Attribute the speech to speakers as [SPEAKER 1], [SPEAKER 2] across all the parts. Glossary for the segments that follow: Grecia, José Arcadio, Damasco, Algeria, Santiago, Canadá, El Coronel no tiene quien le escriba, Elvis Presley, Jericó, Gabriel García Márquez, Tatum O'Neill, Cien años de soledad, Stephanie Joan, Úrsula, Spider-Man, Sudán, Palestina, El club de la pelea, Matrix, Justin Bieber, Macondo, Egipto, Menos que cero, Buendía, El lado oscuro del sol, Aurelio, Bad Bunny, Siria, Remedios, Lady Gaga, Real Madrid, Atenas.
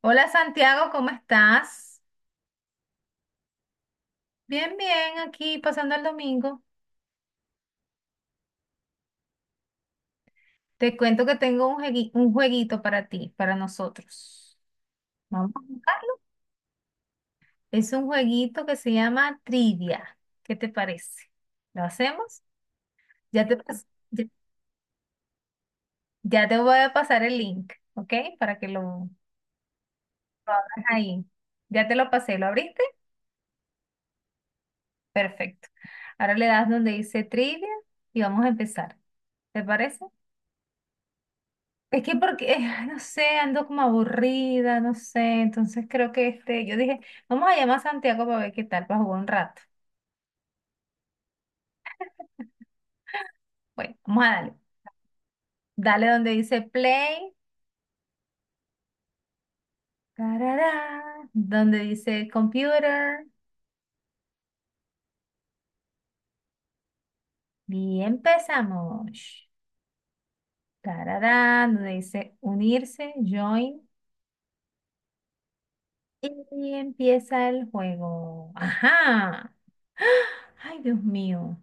[SPEAKER 1] Hola Santiago, ¿cómo estás? Bien, bien, aquí pasando el domingo. Te cuento que tengo un jueguito para ti, para nosotros. Vamos a jugar. Es un jueguito que se llama Trivia. ¿Qué te parece? ¿Lo hacemos? Ya te, pas- ya, ya te voy a pasar el link, ¿ok? Para que lo abras ahí. Ya te lo pasé, ¿lo abriste? Perfecto. Ahora le das donde dice Trivia y vamos a empezar. ¿Te parece? Es que porque, no sé, ando como aburrida, no sé, entonces creo que este, yo dije, vamos a llamar a Santiago para ver qué tal, para jugar un rato. Bueno, vamos a darle. Dale donde dice play, tarará, donde dice computer, y empezamos. Tarará, donde dice unirse, join, y empieza el juego. Ajá. Ay, Dios mío.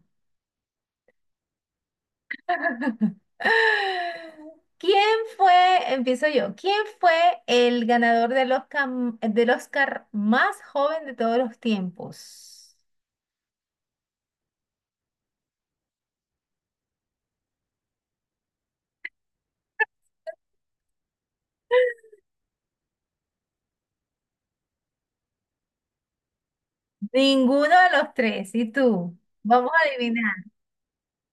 [SPEAKER 1] ¿Quién fue, empiezo yo, quién fue el ganador del Oscar más joven de todos los tiempos? Ninguno de los tres, ¿y tú? Vamos a adivinar.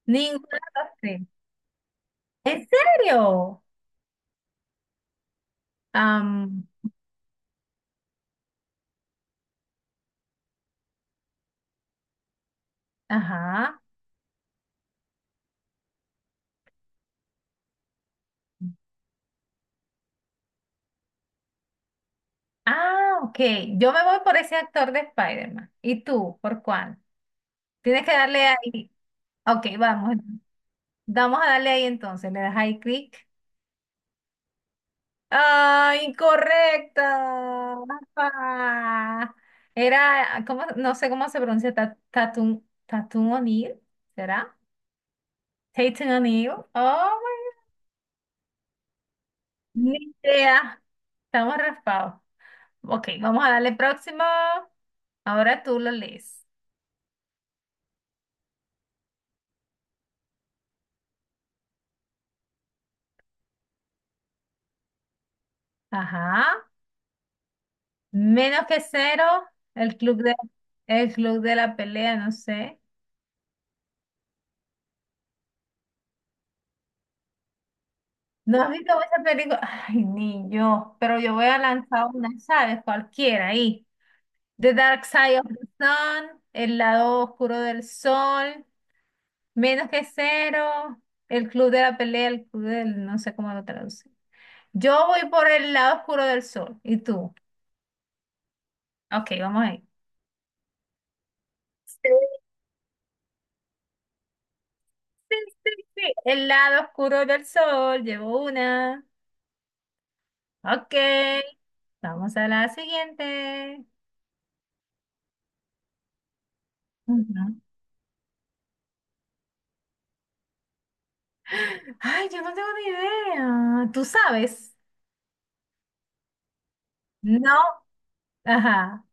[SPEAKER 1] Ninguno de los tres. ¿En serio? Am, ajá. Ah, ok. Yo me voy por ese actor de Spider-Man. ¿Y tú? ¿Por cuál? Tienes que darle ahí. Ok, vamos. Vamos a darle ahí entonces. Le das ahí clic. Ay, incorrecta. Ah, era, ¿cómo? No sé cómo se pronuncia, Tatum O'Neill, ¿será? Tatum O'Neill. Oh, ni idea. Estamos raspados. Ok, vamos a darle próximo. Ahora tú lo lees. Ajá. Menos que cero, el club de, el club de la pelea, no sé. ¿No has visto esa película? Ay, ni yo, pero yo voy a lanzar una, ¿sabes? Cualquiera ahí. The Dark Side of the Sun, El lado oscuro del sol, Menos que cero, El club de la pelea, no sé cómo lo traduce. Yo voy por el lado oscuro del sol, ¿y tú? Ok, vamos ahí. Sí, sí, sí, sí. El lado oscuro del sol, llevo una. Ok, vamos a la siguiente. Ujú. Ay, yo no tengo ni idea. ¿Tú sabes? No. Ajá.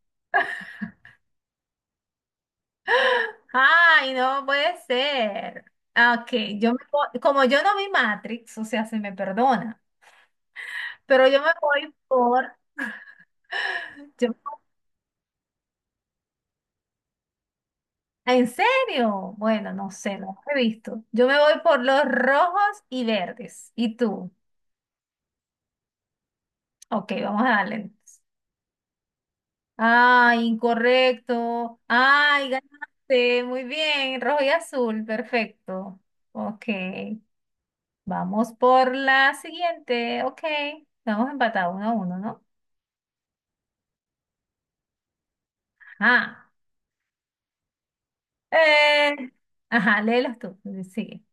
[SPEAKER 1] Ay, no puede ser. Ah, ok, como yo no vi Matrix, o sea, se me perdona, pero yo me voy por... yo- ¿En serio? Bueno, no sé, no lo he visto. Yo me voy por los rojos y verdes. ¿Y tú? Ok, vamos a darle, entonces. Ay, incorrecto. Ay, ganaste. Muy bien, rojo y azul, perfecto. Ok. Vamos por la siguiente. Ok. Estamos empatados 1-1, ¿no? Ajá. Eh, ajá, léelos tú. Sigue.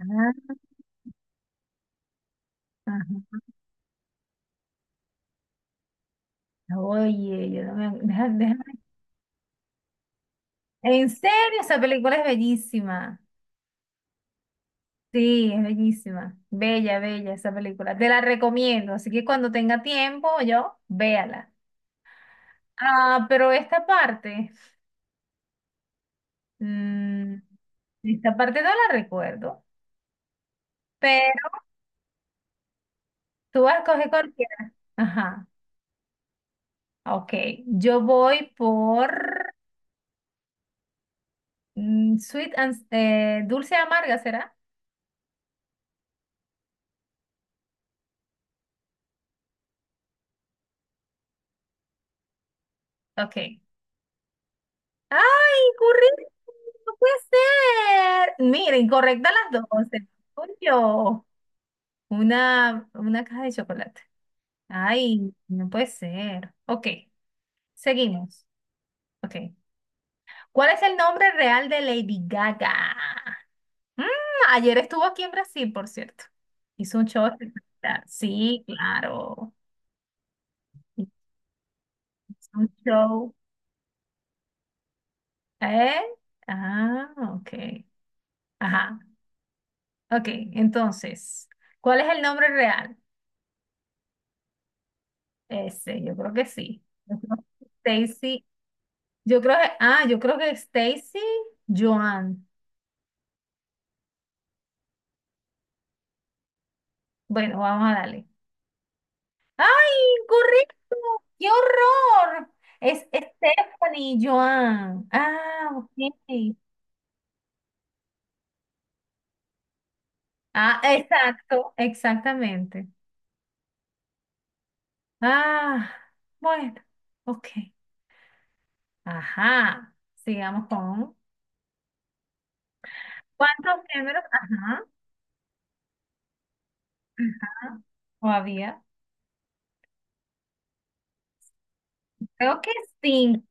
[SPEAKER 1] Ah, ajá. Oye, yo no me... déjame... En serio, esa película es bellísima. Sí, es bellísima. Bella, bella esa película. Te la recomiendo. Así que cuando tenga tiempo, yo, véala. Ah, pero mm, esta parte no la recuerdo. Pero tú vas a escoger cualquiera. Ajá. Ok, yo voy por sweet and dulce amarga, ¿será? Ok. ¡Ay, correcto! ¡No puede ser! Mira, incorrecta las dos. Se Una caja de chocolate. ¡Ay, no puede ser! Ok, seguimos. Ok. ¿Cuál es el nombre real de Lady Gaga? Mm, ayer estuvo aquí en Brasil, por cierto. Hizo un show espectacular. Sí, claro. Hizo un show. ¿Eh? Ah, ok. Ajá. Ok, entonces, ¿cuál es el nombre real? Ese, yo creo que sí. Yo creo que Stacy. Yo creo que Stacy Joan. Bueno, vamos a darle. ¡Ay, correcto! ¡Qué horror! Es Stephanie Joan. Ah, ok. Ah, exacto, exactamente. Ah, bueno, ok. Ajá. Sigamos con. ¿Cuántos géneros? Ajá, ajá, o había. Creo que cinco.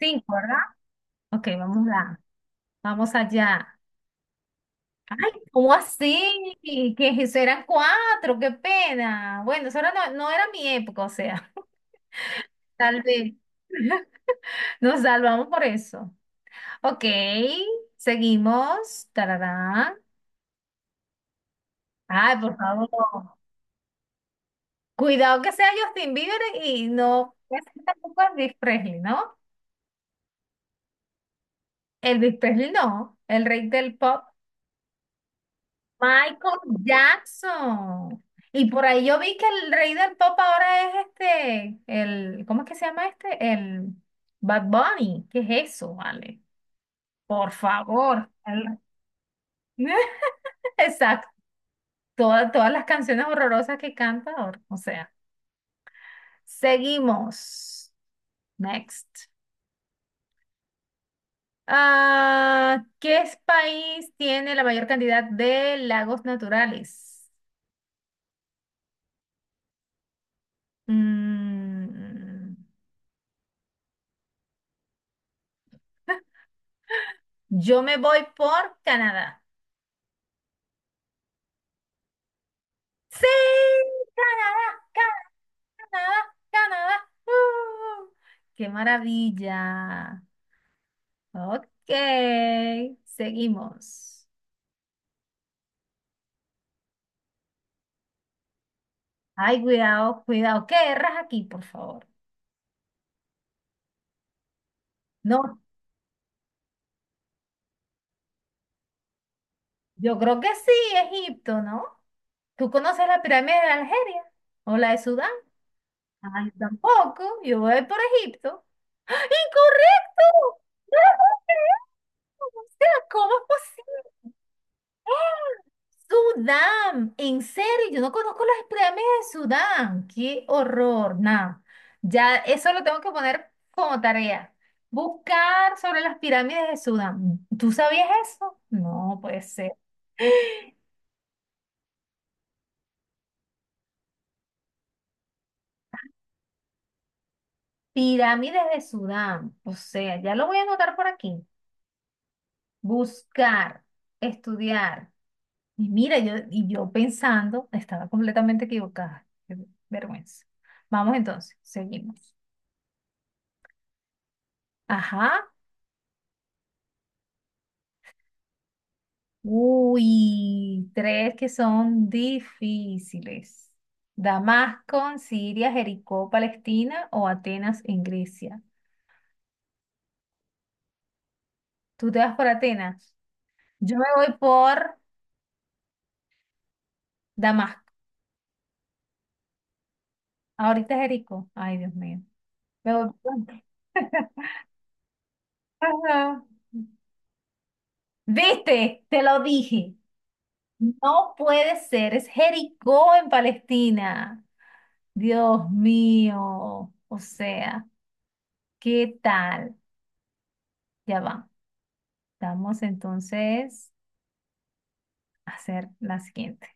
[SPEAKER 1] Cinco, ¿verdad? Ok, vamos allá. Ay, ¿cómo así? Que eso eran cuatro, qué pena. Bueno, no, no era mi época, o sea, tal vez. Nos salvamos por eso. Ok, seguimos. Tararán. Ay, por favor. Cuidado que sea Justin Bieber y no que sea tampoco Elvis Presley, ¿no? Elvis Presley no, el rey del pop, Michael Jackson. Y por ahí yo vi que el rey del pop ahora es este, el, ¿cómo es que se llama este? El Bad Bunny. ¿Qué es eso, vale? Por favor. Exacto. Todas las canciones horrorosas que canta ahora. O sea, seguimos. Next. Ah, ¿Qué país tiene la mayor cantidad de lagos naturales? Mm, Yo me voy por Canadá. Sí, Canadá, Canadá, Canadá. Canadá. ¡Uh! ¡Qué maravilla! Ok, seguimos. Ay, cuidado, cuidado. ¿Qué erras aquí, por favor? No, yo creo que sí, Egipto, ¿no? ¿Tú conoces la pirámide de Algeria o la de Sudán? Ay, yo tampoco. Yo voy por Egipto. ¡Ah! ¡Incorrecto! ¡No lo puedo creer! O sea, ¿cómo es posible? Sudán, en serio, yo no conozco las pirámides de Sudán. Qué horror, nada. Ya eso lo tengo que poner como tarea. Buscar sobre las pirámides de Sudán. ¿Tú sabías eso? No puede ser. Pirámides de Sudán. O sea, ya lo voy a anotar por aquí. Buscar, estudiar. Y mira, yo pensando, estaba completamente equivocada. Qué vergüenza. Vamos entonces, seguimos. Ajá. Uy, tres que son difíciles. Damasco en Siria, Jericó, Palestina o Atenas en Grecia. Tú te vas por Atenas. Yo me voy por Damasco. Ahorita Jericó. Ay, Dios mío. Me voy por- Ajá. ¿Viste? Te lo dije. No puede ser. Es Jericó en Palestina. Dios mío. O sea, ¿qué tal? Ya va. Vamos entonces a hacer la siguiente.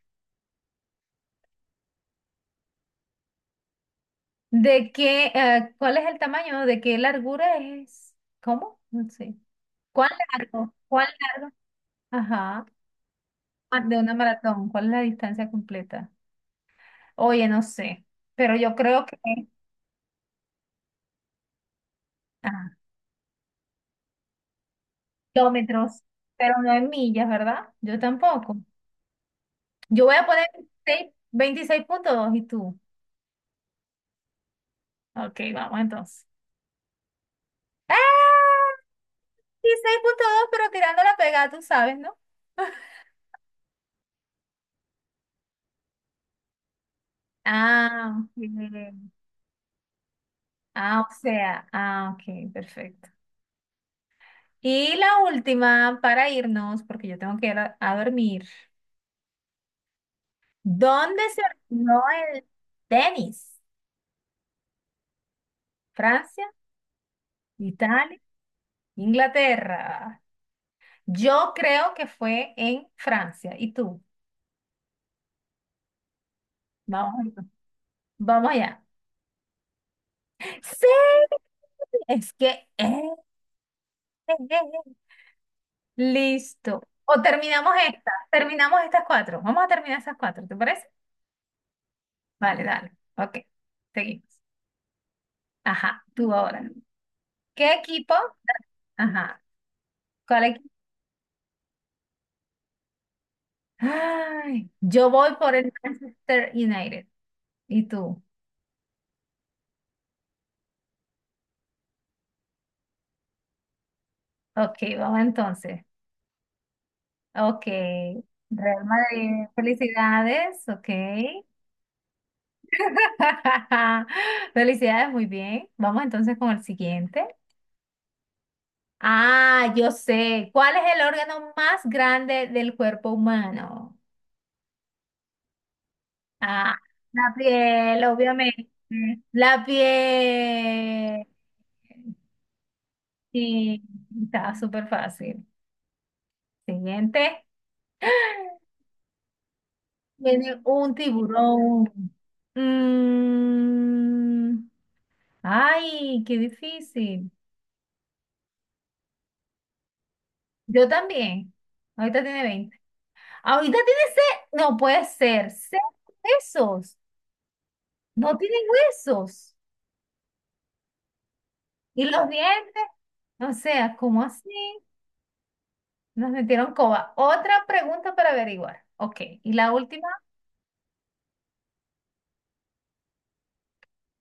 [SPEAKER 1] ¿Cuál es el tamaño? ¿De qué largura es? ¿Cómo? No sé. ¿Cuál largo? ¿Cuál largo? Ajá. Ah, de una maratón. ¿Cuál es la distancia completa? Oye, no sé. Pero yo creo que ah, kilómetros, pero no en millas, ¿verdad? Yo tampoco. Yo voy a poner seis 26.2 y tú. Ok, vamos entonces. ¡Ah! 26.2, pero tirando la pegada, tú sabes, ¿no? Ah, ok. Ah, o sea, ah, ok, perfecto. Y la última para irnos, porque yo tengo que ir a dormir. ¿Dónde se originó el tenis? ¿Francia? ¿Italia? ¿Inglaterra? Yo creo que fue en Francia. ¿Y tú? Vamos, allá. Vamos allá. Sí, es que... eh, eh. Listo. O terminamos esta. Terminamos estas cuatro. Vamos a terminar esas cuatro, ¿te parece? Vale, dale. Ok, seguimos. Ajá, tú ahora. ¿Qué equipo? Ajá, ¿cuál equipo? Ay, yo voy por el Manchester United. ¿Y tú? Ok, vamos entonces. Ok, Real Madrid, felicidades. Ok. Felicidades, muy bien. Vamos entonces con el siguiente. Ah, yo sé. ¿Cuál es el órgano más grande del cuerpo humano? Ah, la piel, obviamente. La piel. Sí, estaba súper fácil. Siguiente. Viene un tiburón. Mm, ay, qué difícil. Yo también. Ahorita tiene veinte Ahorita tiene seis. No puede ser. Seis huesos. No tiene huesos. Y los dientes. O sea, ¿cómo así? Nos metieron coba. Otra pregunta para averiguar. Ok, y la última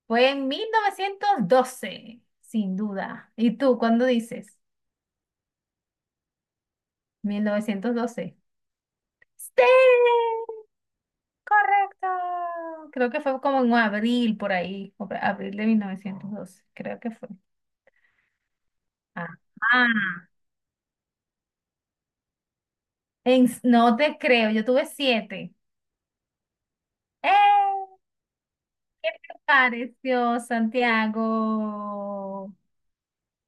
[SPEAKER 1] fue en 1912, sin duda. ¿Y tú cuándo dices? ¿1912? Sí, correcto. Creo que fue como en abril, por ahí, abril de 1912. Creo que fue. Ajá. No te creo, yo tuve siete. ¡Eh! Pareció Santiago.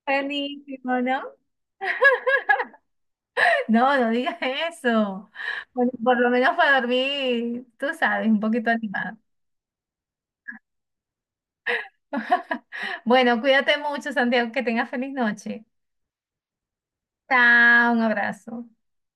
[SPEAKER 1] Buenísimo, ¿no? No, no digas eso. Bueno, por lo menos para dormir, tú sabes, un poquito animado. Bueno, cuídate mucho, Santiago, que tengas feliz noche. Chao, un abrazo.